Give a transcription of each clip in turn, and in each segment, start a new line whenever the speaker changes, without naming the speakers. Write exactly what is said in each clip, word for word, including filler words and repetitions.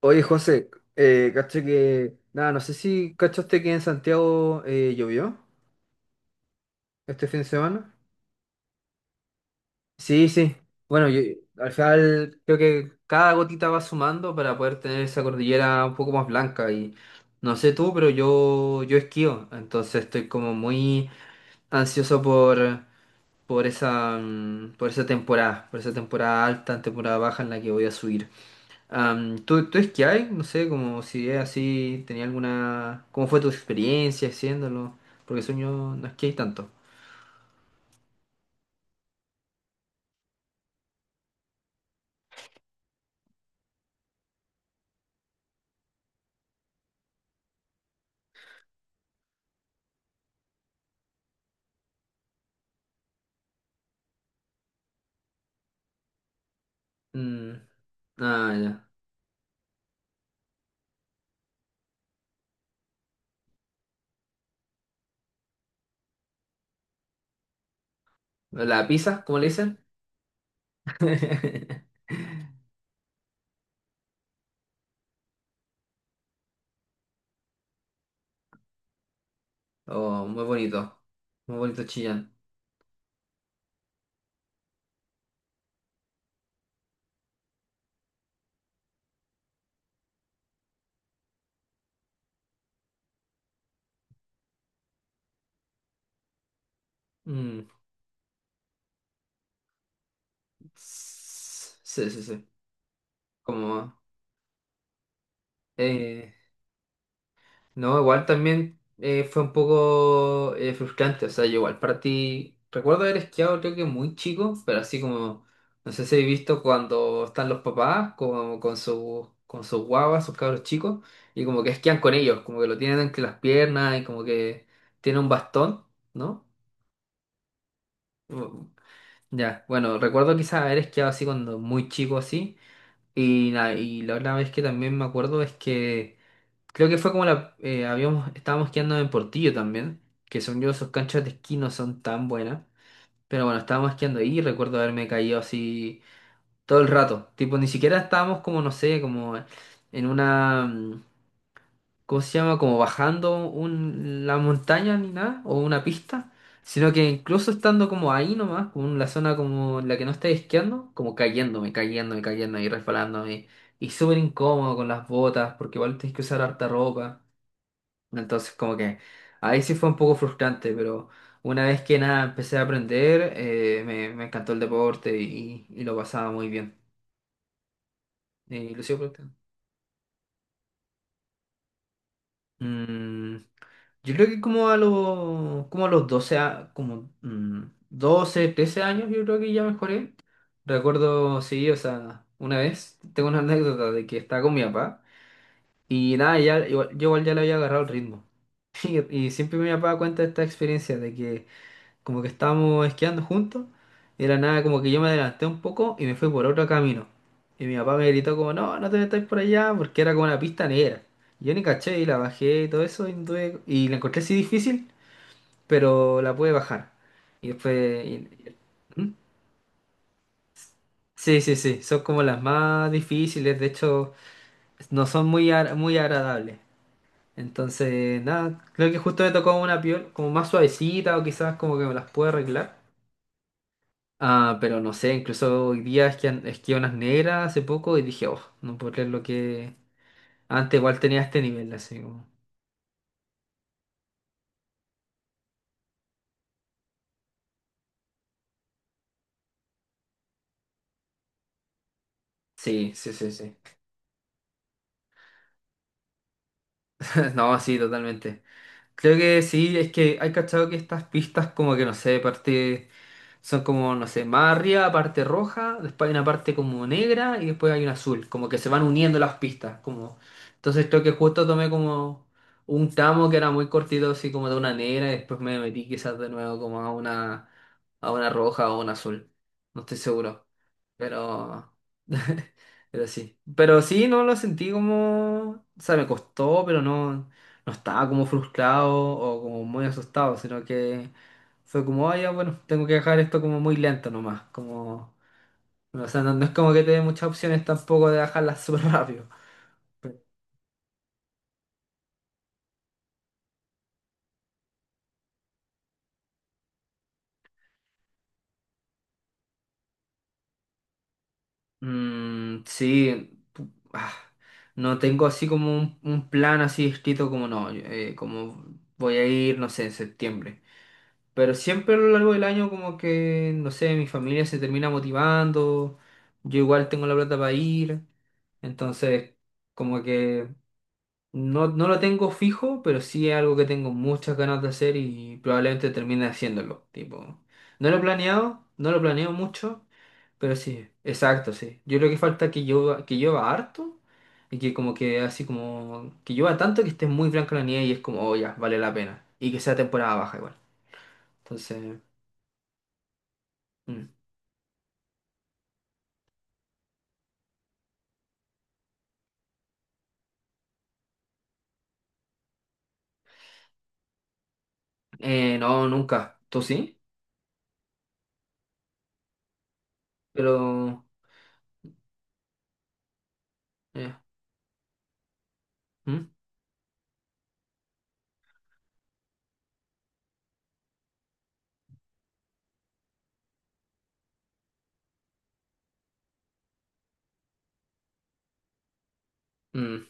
Oye, José, eh, caché que. Nada, no sé si cachaste que en Santiago eh, llovió este fin de semana. Sí, sí. Bueno, yo- al final creo que cada gotita va sumando para poder tener esa cordillera un poco más blanca. Y no sé tú, pero yo, yo esquío. Entonces estoy como muy ansioso por, por esa, mm, por esa temporada, por esa temporada alta, temporada baja en la que voy a subir. Am, ¿tú, tú esquiabas? No sé, como si es así, tenía alguna... ¿Cómo fue tu experiencia haciéndolo? Porque sueño no esquié tanto. Mm, ah, ya. ¿La pizza, como le dicen? Oh, muy bonito. Muy bonito Chillán. Mm, s- sí, sí, sí. Como... eh, no, igual también eh, fue un poco eh, frustrante, o sea, yo igual para ti, recuerdo haber esquiado creo que muy chico, pero así como, no sé si he visto cuando están los papás como con sus con sus guaguas, sus cabros chicos, y como que esquían con ellos, como que lo tienen entre las piernas y como que tiene un bastón, ¿no? Bu- Ya, bueno, recuerdo quizás haber esquiado así cuando muy chico así, y, nada, y la otra vez que también me acuerdo es que... Creo que fue como la... eh, habíamos, estábamos quedando en Portillo también, que según yo sus canchas de esquí no son tan buenas, pero bueno, estábamos quedando ahí y recuerdo haberme caído así todo el rato. Tipo, ni siquiera estábamos como, no sé, como en una... mm, ¿cómo se llama? Como bajando un, la montaña ni nada, o una pista, sino que incluso estando como ahí nomás, como en la zona como en la que no estáis esquiando, como cayéndome, cayéndome, cayéndome y resbalándome. Y súper incómodo con las botas, porque igual tienes que usar harta ropa. Entonces, como que ahí sí fue un poco frustrante, pero una vez que nada empecé a aprender, eh, me, me encantó el deporte y, y lo pasaba muy bien. Y lo sigo practicando. Mm, yo creo que como a los, como a los doce a- como, mm, doce, trece años, yo creo que ya mejoré. Recuerdo, sí, o sea, una vez tengo una anécdota de que estaba con mi papá y nada, ya, igual- yo igual ya le había agarrado el ritmo. Y, y siempre mi papá cuenta esta experiencia de que como que estábamos esquiando juntos, y de la nada como que yo me adelanté un poco y me fui por otro camino. Y mi papá me gritó como, no, no te metáis por allá, porque era como una pista negra. Y yo ni caché y la bajé y todo eso, y, tuve- y la encontré así difícil, pero la pude bajar. Y después... y- y- ¿mm? Sí, sí, sí, son como las más difíciles, de hecho, no son muy, ar- muy agradables. Entonces, nada, creo que justo me tocó una piel como más suavecita o quizás como que me las puedo arreglar. Ah, pero no sé, incluso hoy día esquí, esquié unas negras hace poco y dije, oh, no puedo creer lo que... Antes igual tenía este nivel, así como... Sí, sí, sí, sí. No, sí, totalmente. Creo que sí, es que hay cachado que estas pistas como que, no sé, parte... Son como, no sé, más arriba parte roja, después hay una parte como negra y después hay una azul, como que se van uniendo las pistas, como... Entonces creo que justo tomé como un tramo que era muy cortito, así como de una negra, y después me metí quizás de nuevo como a una, a una roja o una azul, no estoy seguro. Pero, pero sí. Pero sí, no lo sentí como, o sea, me costó, pero no, no estaba como frustrado o como muy asustado, sino que fue como, ah, ya, bueno, tengo que dejar esto como muy lento nomás, como, no, o sea, no, no es como que te dé muchas opciones tampoco de dejarlas súper rápido. Mm, sí, pu- ah, no tengo así como un, un plan así escrito como no, yo, eh, como voy a ir, no sé, en septiembre. Pero siempre a lo largo del año como que, no sé, mi familia se termina motivando, yo igual tengo la plata para ir, entonces como que no, no lo tengo fijo, pero sí es algo que tengo muchas ganas de hacer y probablemente termine haciéndolo, tipo, no lo he planeado, no lo planeo mucho, pero sí, exacto, sí. Yo creo que falta que llueva, que llueva harto y que como que así como, que llueva tanto que esté muy blanca la nieve y es como, oh ya, vale la pena, y que sea temporada baja igual, entonces... Mm. Eh, no, nunca. ¿Tú sí? Pero... eh, ¿mm? Mm.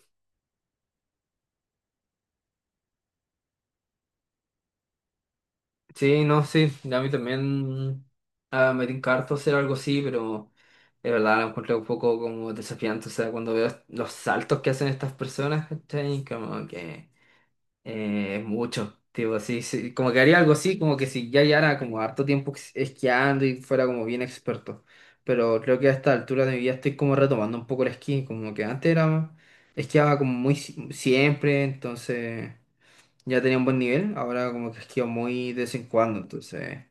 Sí, no, sí. A mí también ah, me encanta hacer algo así, pero de verdad lo encuentro un poco como desafiante. O sea, cuando veo los saltos que hacen estas personas, ¿cachai? Como que... Eh, mucho, tipo, sí, sí, como que haría algo así, como que si ya llevara como harto tiempo es- esquiando y fuera como bien experto. Pero creo que a esta altura de mi vida estoy como retomando un poco el esquí, como que antes era, esquiaba como muy si- siempre, entonces ya tenía un buen nivel, ahora como que esquío muy de vez en cuando, entonces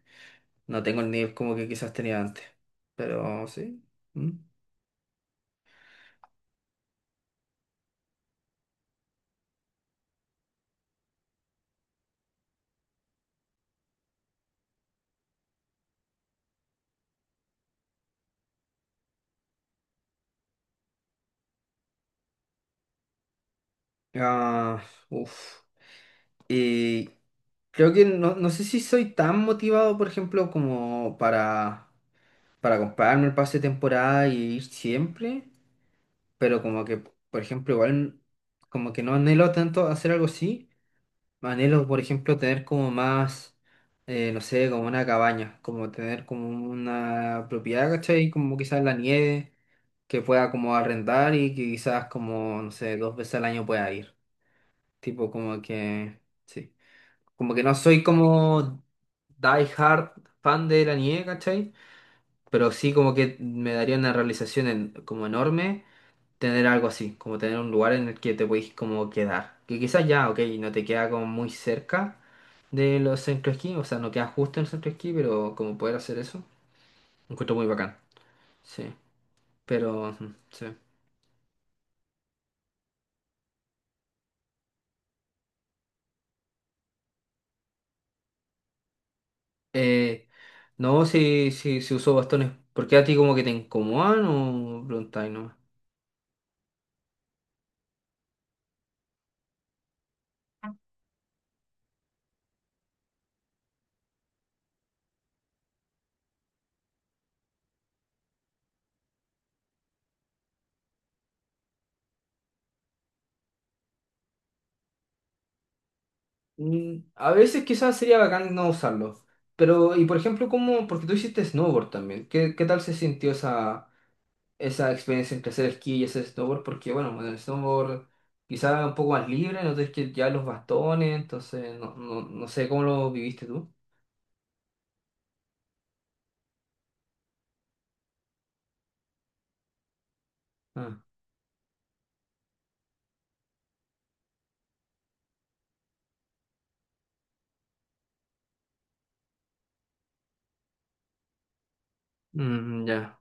no tengo el nivel como que quizás tenía antes. Pero sí. Mm. Ah, uf. Y creo que no, no sé si soy tan motivado, por ejemplo, como para para comprarme el pase de temporada y ir siempre, pero como que, por ejemplo, igual como que no anhelo tanto hacer algo así, anhelo, por ejemplo, tener como más, eh, no sé, como una cabaña, como tener como una propiedad, ¿cachai? Como quizás la nieve, que pueda como arrendar y que quizás como, no sé, dos veces al año pueda ir, tipo como que, sí, como que no soy como die hard fan de la nieve, ¿cachai? Pero sí como que me daría una realización en- como enorme tener algo así, como tener un lugar en el que te podéis como quedar. Que quizás ya, ok, no te queda como muy cerca de los centros esquí, o sea, no queda justo en el centro esquí, pero como poder hacer eso, lo encuentro muy bacán. Sí, pero ujú, sí. Eh, no, si, si, si uso bastones, ¿por qué a ti como que te incomodan o preguntáis, no? Mm, a veces quizás sería bacán no usarlo. Pero, y por ejemplo, ¿cómo? Porque tú hiciste snowboard también. ¿Qué, ¿qué tal se sintió esa, esa experiencia entre hacer esquí y hacer snowboard? Porque, bueno, en el snowboard quizás un poco más libre, no tienes que ya los bastones, entonces no, no, no sé cómo lo viviste tú. Ah, mm, ya,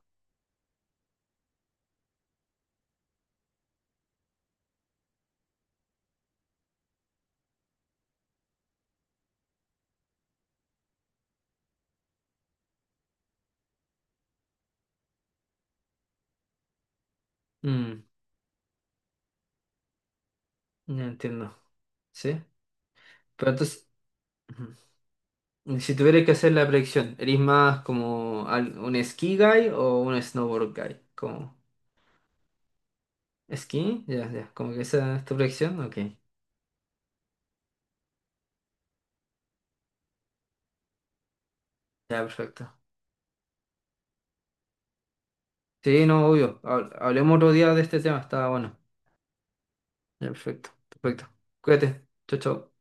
mm, ya entiendo. ¿Sí? Pero entonces, ujú. Si tuvieras que hacer la predicción, ¿eres más como al- un ski guy o un snowboard guy? ¿Skinny? Ya, ya. Como que esa es tu proyección. Ok. Ya, perfecto. Sí, no, obvio. Habl- Hablemos otro día de este tema. Está bueno. Ya, perfecto. Perfecto. Cuídate. Chau, chau.